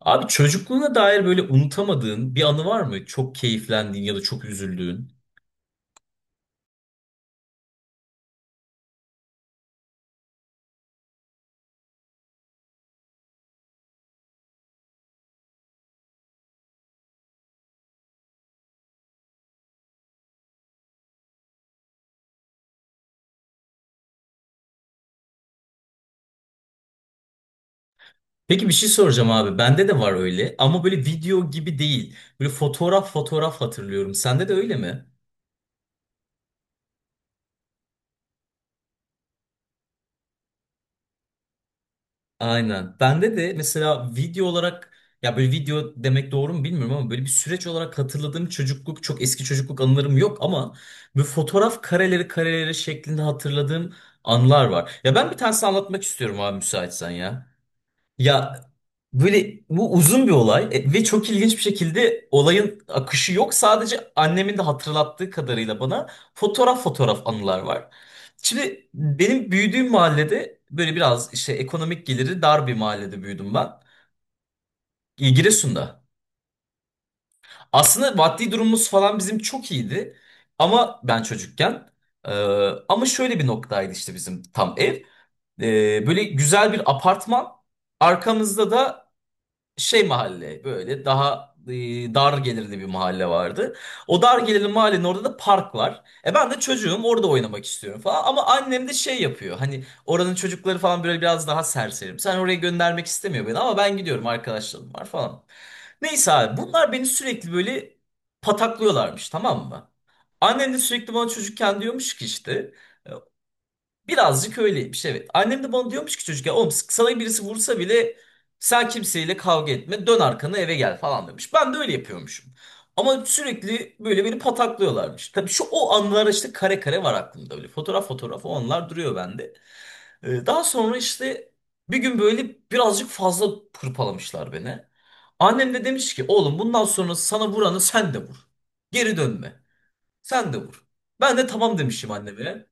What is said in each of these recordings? Abi çocukluğuna dair böyle unutamadığın bir anı var mı? Çok keyiflendiğin ya da çok üzüldüğün. Peki bir şey soracağım abi. Bende de var öyle ama böyle video gibi değil. Böyle fotoğraf fotoğraf hatırlıyorum. Sende de öyle mi? Aynen. Bende de mesela video olarak, ya böyle video demek doğru mu bilmiyorum ama böyle bir süreç olarak hatırladığım çocukluk, çok eski çocukluk anılarım yok ama bu fotoğraf kareleri şeklinde hatırladığım anlar var. Ya ben bir tanesini anlatmak istiyorum abi, müsaitsen ya. Ya böyle bu uzun bir olay ve çok ilginç bir şekilde olayın akışı yok. Sadece annemin de hatırlattığı kadarıyla bana fotoğraf fotoğraf anılar var. Şimdi benim büyüdüğüm mahallede böyle biraz işte ekonomik geliri dar bir mahallede büyüdüm ben. Giresun'da. Aslında maddi durumumuz falan bizim çok iyiydi. Ama ben çocukken. e, Ama şöyle bir noktaydı işte bizim tam ev. Böyle güzel bir apartman. Arkamızda da şey mahalle böyle daha dar gelirli bir mahalle vardı. O dar gelirli mahallenin orada da park var. E ben de çocuğum, orada oynamak istiyorum falan ama annem de şey yapıyor. Hani oranın çocukları falan böyle biraz daha serserim. Sen oraya göndermek istemiyor beni ama ben gidiyorum, arkadaşlarım var falan. Neyse abi, bunlar beni sürekli böyle pataklıyorlarmış, tamam mı? Annem de sürekli bana çocukken diyormuş ki işte. Birazcık öyleymiş, evet. Annem de bana diyormuş ki çocukken, oğlum sana birisi vursa bile sen kimseyle kavga etme, dön arkana eve gel falan demiş. Ben de öyle yapıyormuşum. Ama sürekli böyle beni pataklıyorlarmış. Tabii şu o anılar işte kare kare var aklımda, böyle fotoğraf fotoğraf o onlar duruyor bende. Daha sonra işte bir gün böyle birazcık fazla hırpalamışlar beni. Annem de demiş ki, oğlum bundan sonra sana vuranı sen de vur. Geri dönme. Sen de vur. Ben de tamam demişim anneme.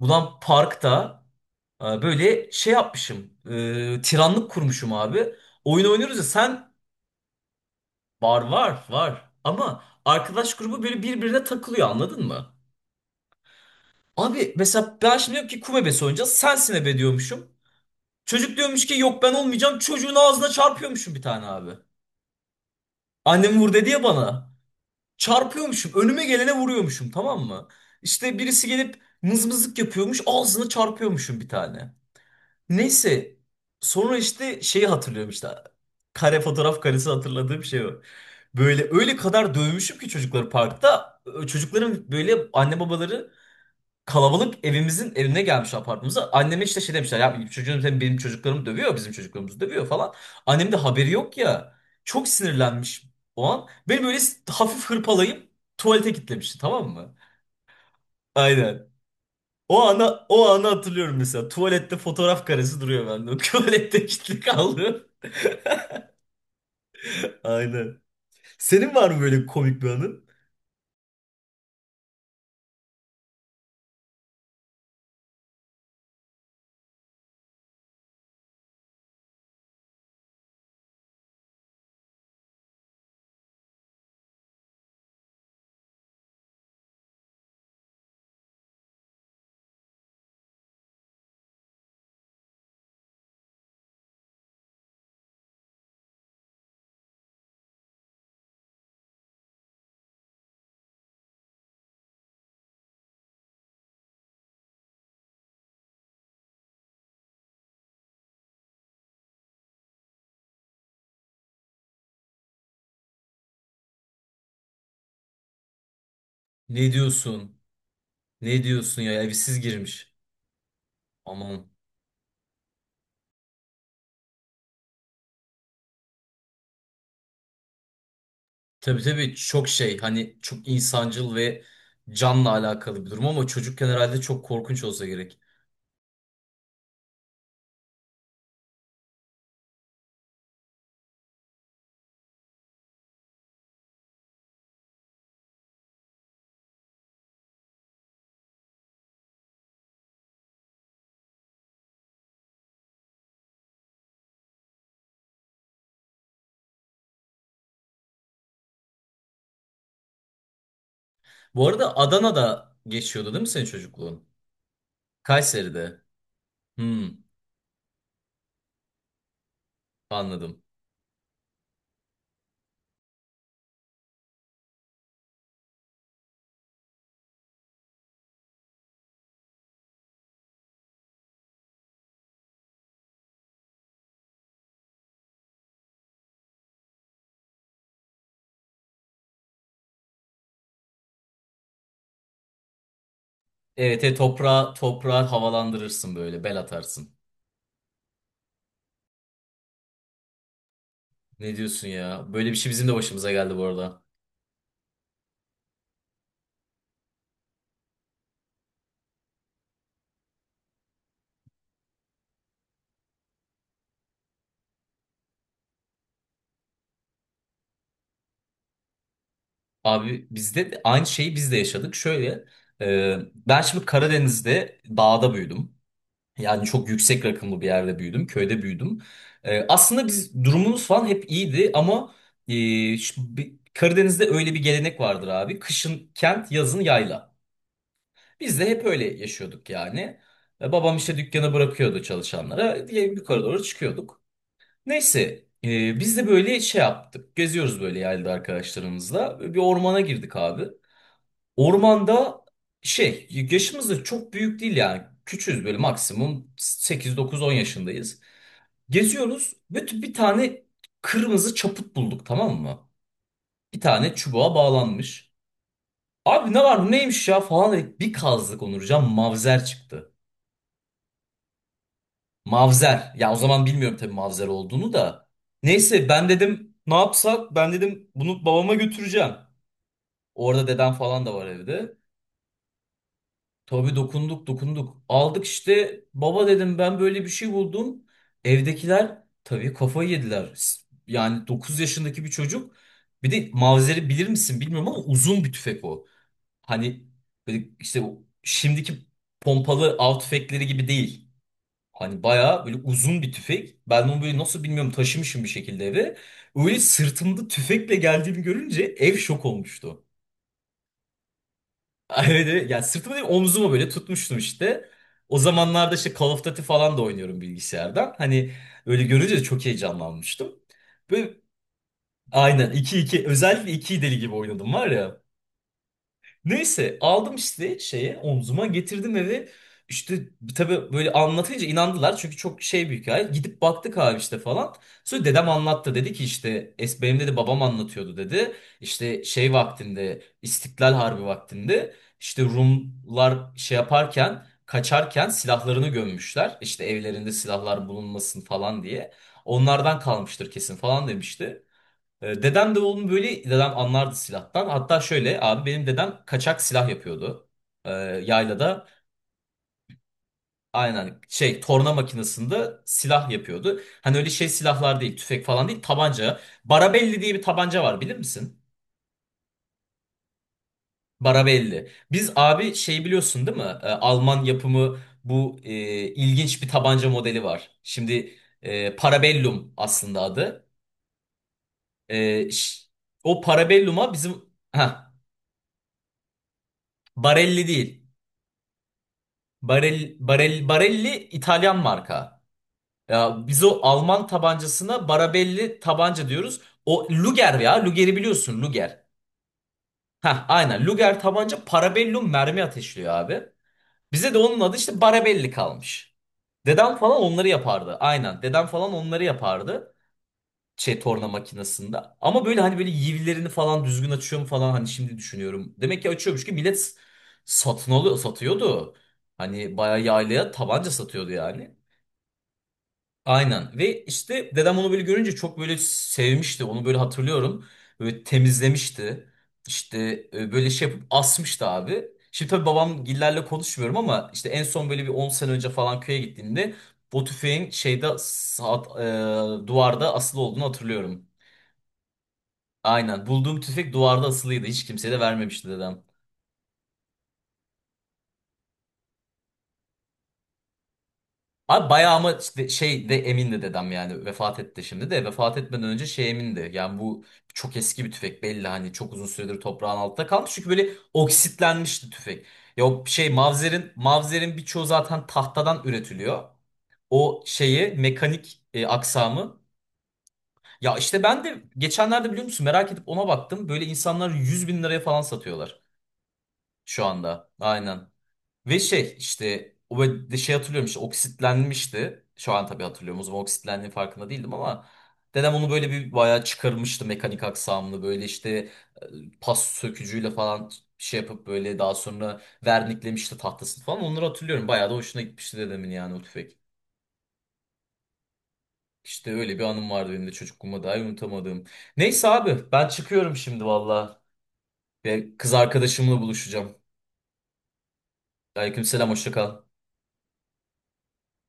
Ulan parkta böyle şey yapmışım. Tiranlık kurmuşum abi. Oyun oynuyoruz ya sen. Var var var. Ama arkadaş grubu böyle birbirine takılıyor, anladın mı? Abi mesela ben şimdi diyorum ki kumebes oynayacağız. Sensin ebe diyormuşum. Çocuk diyormuş ki yok ben olmayacağım. Çocuğun ağzına çarpıyormuşum bir tane abi. Annem vur dedi ya bana. Çarpıyormuşum. Önüme gelene vuruyormuşum, tamam mı? İşte birisi gelip mızmızlık yapıyormuş. Ağzına çarpıyormuşum bir tane. Neyse, sonra işte şeyi hatırlıyorum işte. Kare, fotoğraf karesi hatırladığım şey o. Böyle öyle kadar dövmüşüm ki çocukları parkta. Çocukların böyle anne babaları kalabalık evimizin evine gelmiş, apartmanımıza. Anneme işte şey demişler ya, çocuğum sen benim çocuklarım dövüyor, bizim çocuklarımızı dövüyor falan. Annem de haberi yok ya. Çok sinirlenmiş o an. Beni böyle hafif hırpalayıp tuvalete kilitlemişti, tamam mı? Aynen. O ana, o anı hatırlıyorum mesela. Tuvalette fotoğraf karesi duruyor bende. Tuvalette kilitli kaldı. Aynen. Senin var mı böyle komik bir anın? Ne diyorsun? Ne diyorsun ya? Evsiz girmiş. Aman. Tabii, tabii çok şey, hani çok insancıl ve canla alakalı bir durum ama çocukken herhalde çok korkunç olsa gerek. Bu arada Adana'da geçiyordu değil mi senin çocukluğun? Kayseri'de. Hmm, anladım. Evet, evet toprağa, toprağı havalandırırsın böyle, bel atarsın. Ne diyorsun ya? Böyle bir şey bizim de başımıza geldi bu arada. Abi bizde de aynı şeyi biz de yaşadık. Şöyle e, ben şimdi Karadeniz'de dağda büyüdüm. Yani çok yüksek rakımlı bir yerde büyüdüm. Köyde büyüdüm. E, aslında biz durumumuz falan hep iyiydi ama e, Karadeniz'de öyle bir gelenek vardır abi. Kışın kent, yazın yayla. Biz de hep öyle yaşıyorduk yani. Babam işte dükkanı bırakıyordu çalışanlara. Diye yukarı doğru çıkıyorduk. Neyse, biz de böyle şey yaptık. Geziyoruz böyle yerde arkadaşlarımızla. Bir ormana girdik abi. Ormanda şey, yaşımız da çok büyük değil yani. Küçüğüz, böyle maksimum 8-9-10 yaşındayız. Geziyoruz. Bütün bir tane kırmızı çaput bulduk, tamam mı? Bir tane çubuğa bağlanmış. Abi ne var bu, neymiş ya falan dedik. Bir kazdık, Onurcan, mavzer çıktı. Mavzer. Ya o zaman bilmiyorum tabii mavzer olduğunu da. Neyse, ben dedim ne yapsak? Ben dedim bunu babama götüreceğim. Orada dedem falan da var evde. Tabii dokunduk, dokunduk. Aldık, işte baba dedim ben böyle bir şey buldum. Evdekiler tabii kafayı yediler. Yani 9 yaşındaki bir çocuk. Bir de Mavzer'i bilir misin bilmiyorum ama uzun bir tüfek o. Hani böyle işte o şimdiki pompalı av tüfekleri gibi değil. Hani bayağı böyle uzun bir tüfek. Ben onu böyle, nasıl bilmiyorum, taşımışım bir şekilde eve. Öyle sırtımda tüfekle geldiğimi görünce ev şok olmuştu. Evet, evet. Yani sırtıma değil, omzuma böyle tutmuştum işte. O zamanlarda işte Call of Duty falan da oynuyorum bilgisayardan. Hani öyle görünce de çok heyecanlanmıştım. Böyle aynen iki, iki, özellikle iki deli gibi oynadım var ya. Neyse, aldım işte şeye, omzuma getirdim eve. İşte tabii böyle anlatınca inandılar çünkü çok şey bir hikaye. Gidip baktık abi işte falan. Sonra dedem anlattı, dedi ki işte es benim dedi babam anlatıyordu dedi. İşte şey vaktinde, İstiklal Harbi vaktinde işte Rumlar şey yaparken, kaçarken silahlarını gömmüşler. İşte evlerinde silahlar bulunmasın falan diye. Onlardan kalmıştır kesin falan demişti. E, dedem de oğlum, böyle dedem anlardı silahtan. Hatta şöyle abi, benim dedem kaçak silah yapıyordu. E, Yaylada, aynen şey torna makinesinde silah yapıyordu. Hani öyle şey silahlar değil, tüfek falan değil, tabanca. Barabelli diye bir tabanca var, bilir misin? Barabelli. Biz abi şey biliyorsun değil mi? E, Alman yapımı bu ilginç bir tabanca modeli var. Şimdi Parabellum aslında adı. E, ş- O Parabellum'a bizim... Heh, Barelli değil. Barel, Barel, Barelli İtalyan marka. Ya biz o Alman tabancasına Barabelli tabanca diyoruz. O Luger ya. Luger'i biliyorsun, Luger. Heh, aynen. Luger tabanca, Parabellum mermi ateşliyor abi. Bize de onun adı işte Barabelli kalmış. Dedem falan onları yapardı. Aynen. Dedem falan onları yapardı. Şey, torna makinesinde. Ama böyle, hani böyle yivlerini falan düzgün açıyor mu falan, hani şimdi düşünüyorum. Demek ki açıyormuş ki millet, satın alıyor, satıyordu. Hani bayağı yaylaya tabanca satıyordu yani. Aynen, ve işte dedem onu böyle görünce çok böyle sevmişti onu, böyle hatırlıyorum. Böyle temizlemişti işte, böyle şey yapıp asmıştı abi. Şimdi tabii babam gillerle konuşmuyorum ama işte en son böyle bir 10 sene önce falan köye gittiğimde o tüfeğin duvarda asılı olduğunu hatırlıyorum. Aynen, bulduğum tüfek duvarda asılıydı, hiç kimseye de vermemişti dedem. Abi bayağı, ama işte şey de emindi dedem, yani vefat etti şimdi de, vefat etmeden önce şey emindi yani, bu çok eski bir tüfek belli, hani çok uzun süredir toprağın altında kalmış çünkü böyle oksitlenmişti tüfek. Ya o şey, mavzerin birçoğu zaten tahtadan üretiliyor, o şeyi mekanik aksamı. Ya işte ben de geçenlerde biliyor musun, merak edip ona baktım, böyle insanlar 100 bin liraya falan satıyorlar şu anda, aynen. Ve şey, işte o böyle de şey hatırlıyorum, işte oksitlenmişti. Şu an tabii hatırlıyorum. O zaman oksitlendiğinin farkında değildim ama dedem onu böyle bir bayağı çıkarmıştı mekanik aksamını, böyle işte pas sökücüyle falan şey yapıp, böyle daha sonra verniklemişti tahtasını falan. Onları hatırlıyorum. Bayağı da hoşuna gitmişti dedemin yani o tüfek. İşte öyle bir anım vardı benim de çocukluğuma dair unutamadığım. Neyse abi, ben çıkıyorum şimdi valla. Ve kız arkadaşımla buluşacağım. Aleykümselam, hoşça kal.